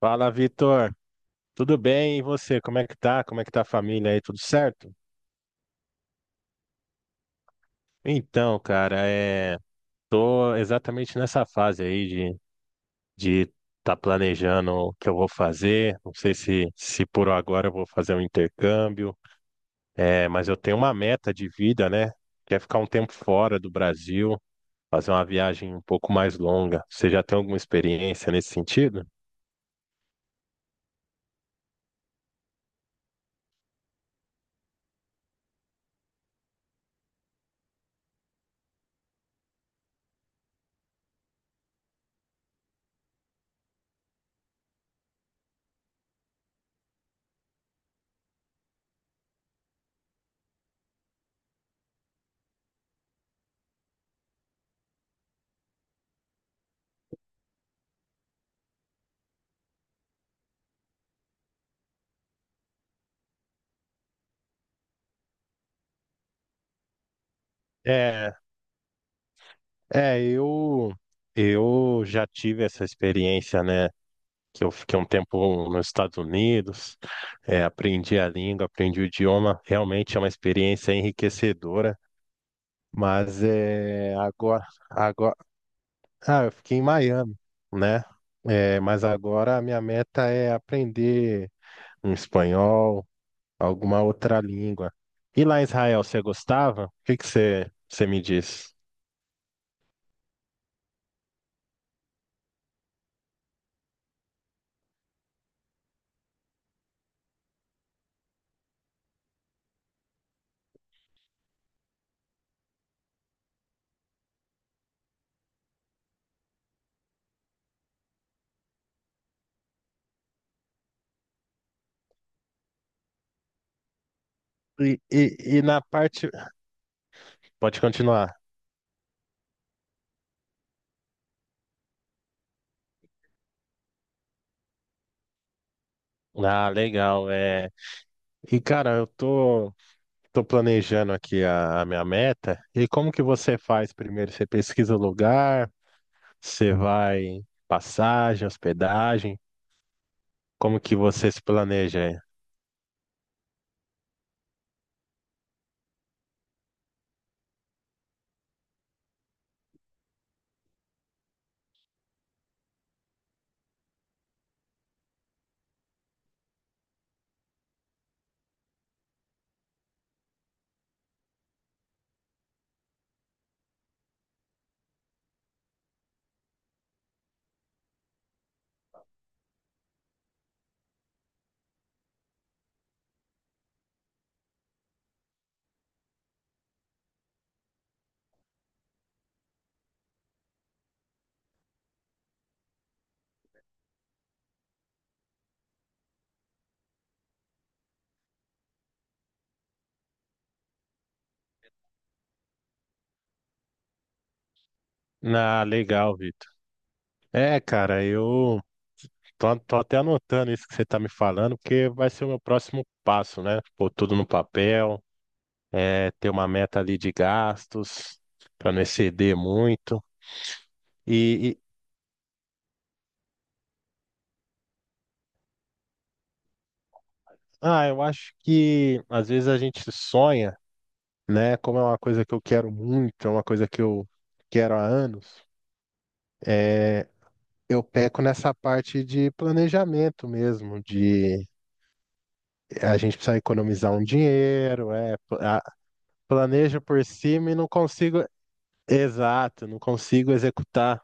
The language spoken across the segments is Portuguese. Fala, Vitor. Tudo bem? E você? Como é que tá? Como é que tá a família aí? Tudo certo? Então, cara, é... Tô exatamente nessa fase aí de tá planejando o que eu vou fazer. Não sei se por agora eu vou fazer um intercâmbio, mas eu tenho uma meta de vida, né? Que é ficar um tempo fora do Brasil, fazer uma viagem um pouco mais longa. Você já tem alguma experiência nesse sentido? É, é, eu eu já tive essa experiência, né? Que eu fiquei um tempo nos Estados Unidos, aprendi a língua, aprendi o idioma. Realmente é uma experiência enriquecedora, mas é, agora, ah, eu fiquei em Miami, né? Mas agora a minha meta é aprender um espanhol, alguma outra língua. E lá em Israel, você gostava? O que que você me diz? E na parte. Pode continuar. Ah, legal. E, cara, eu tô. estou planejando aqui a minha meta. E como que você faz primeiro? Você pesquisa o lugar, você vai passagem, hospedagem, como que você se planeja aí? Ah, legal, Vitor. É, cara, tô até anotando isso que você tá me falando, porque vai ser o meu próximo passo, né? Pôr tudo no papel, é, ter uma meta ali de gastos, para não exceder muito. E, e, ah, eu acho que às vezes a gente sonha. Né? Como é uma coisa que eu quero muito, é uma coisa que eu quero há anos, é, eu peco nessa parte de planejamento mesmo, de a gente precisa economizar um dinheiro, planejo por cima e não consigo, exato, não consigo executar.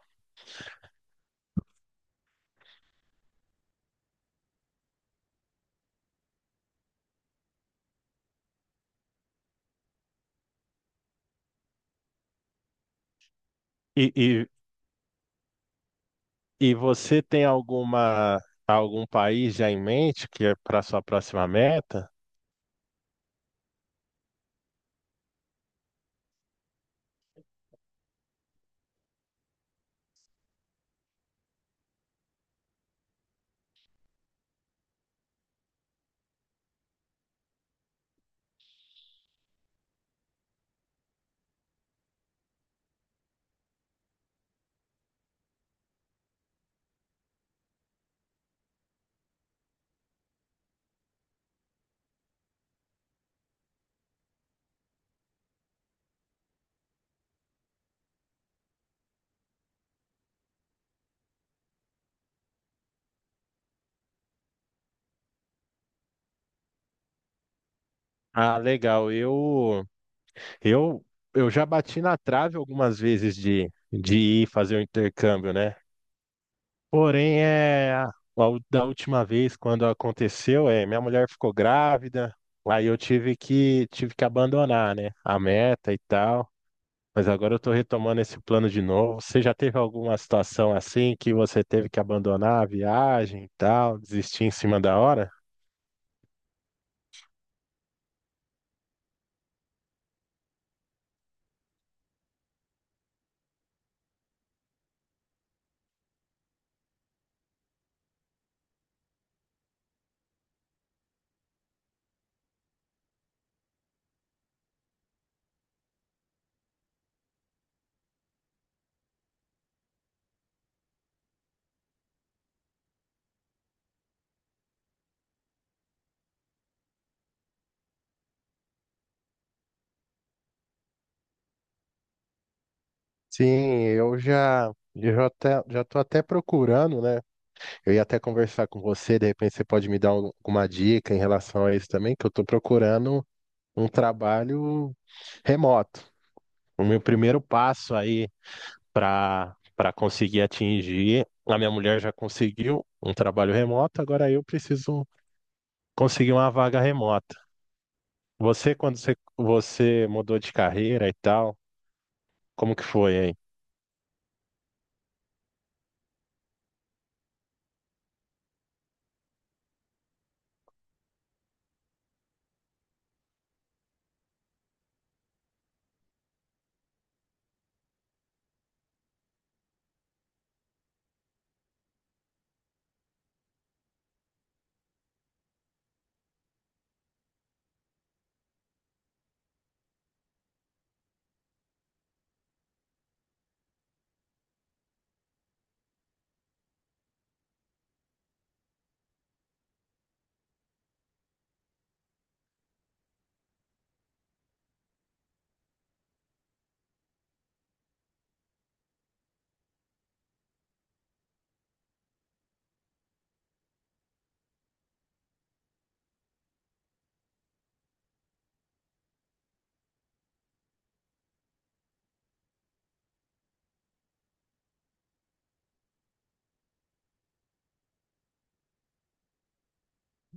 E, e, e você tem algum país já em mente que é para sua próxima meta? Ah, legal. Eu, eu já bati na trave algumas vezes de ir fazer o intercâmbio, né? Porém, da última vez quando aconteceu, é minha mulher ficou grávida, aí eu tive que abandonar, né? A meta e tal. Mas agora eu tô retomando esse plano de novo. Você já teve alguma situação assim que você teve que abandonar a viagem e tal, desistir em cima da hora? Sim, eu já eu já, até, já tô até procurando, né? Eu ia até conversar com você, de repente você pode me dar alguma dica em relação a isso também, que eu estou procurando um trabalho remoto. O meu primeiro passo aí para conseguir atingir, a minha mulher já conseguiu um trabalho remoto, agora eu preciso conseguir uma vaga remota. Você, você mudou de carreira e tal, como que foi aí?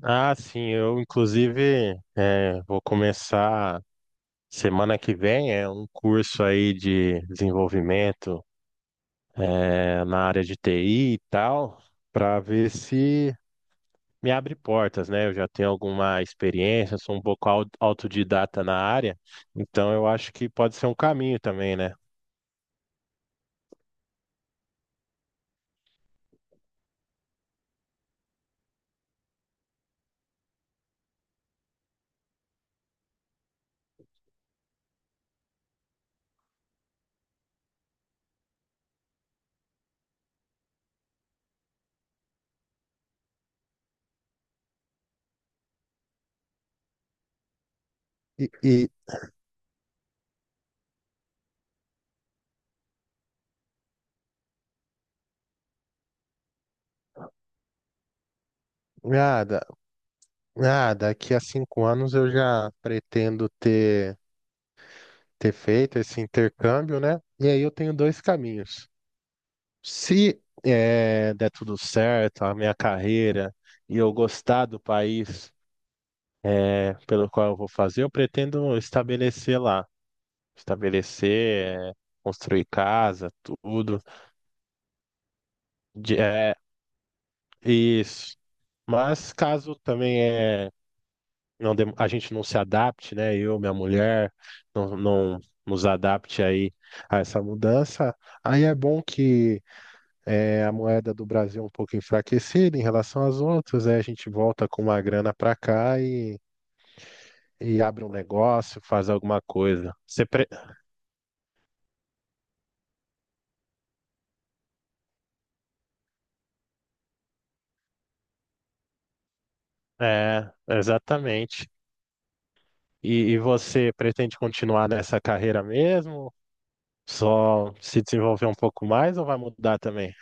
Ah, sim, eu inclusive vou começar. Semana que vem é um curso aí de desenvolvimento na área de TI e tal, para ver se me abre portas, né? Eu já tenho alguma experiência, sou um pouco autodidata na área, então eu acho que pode ser um caminho também, né? E, e nada, nada, daqui a 5 anos eu já pretendo ter. Ter feito esse intercâmbio, né? E aí eu tenho dois caminhos. Se der tudo certo, a minha carreira e eu gostar do país pelo qual eu vou fazer, eu pretendo estabelecer lá, estabelecer, construir casa, tudo, de, eh, isso. Mas caso também a gente não se adapte, né? Eu, minha mulher, não, não nos adapte aí a essa mudança, aí é bom que É, a moeda do Brasil é um pouco enfraquecida em relação às outras, aí a gente volta com uma grana para cá e abre um negócio, faz alguma coisa. Você pre- É, exatamente. E você pretende continuar nessa carreira mesmo? Só se desenvolver um pouco mais ou vai mudar também?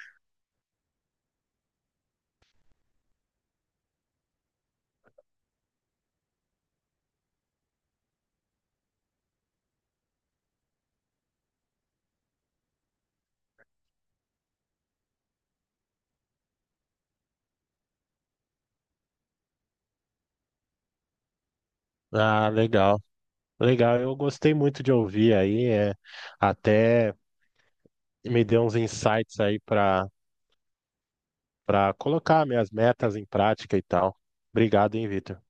Ah, legal. Legal, eu gostei muito de ouvir aí, é, até me deu uns insights aí para colocar minhas metas em prática e tal. Obrigado, hein, Vitor.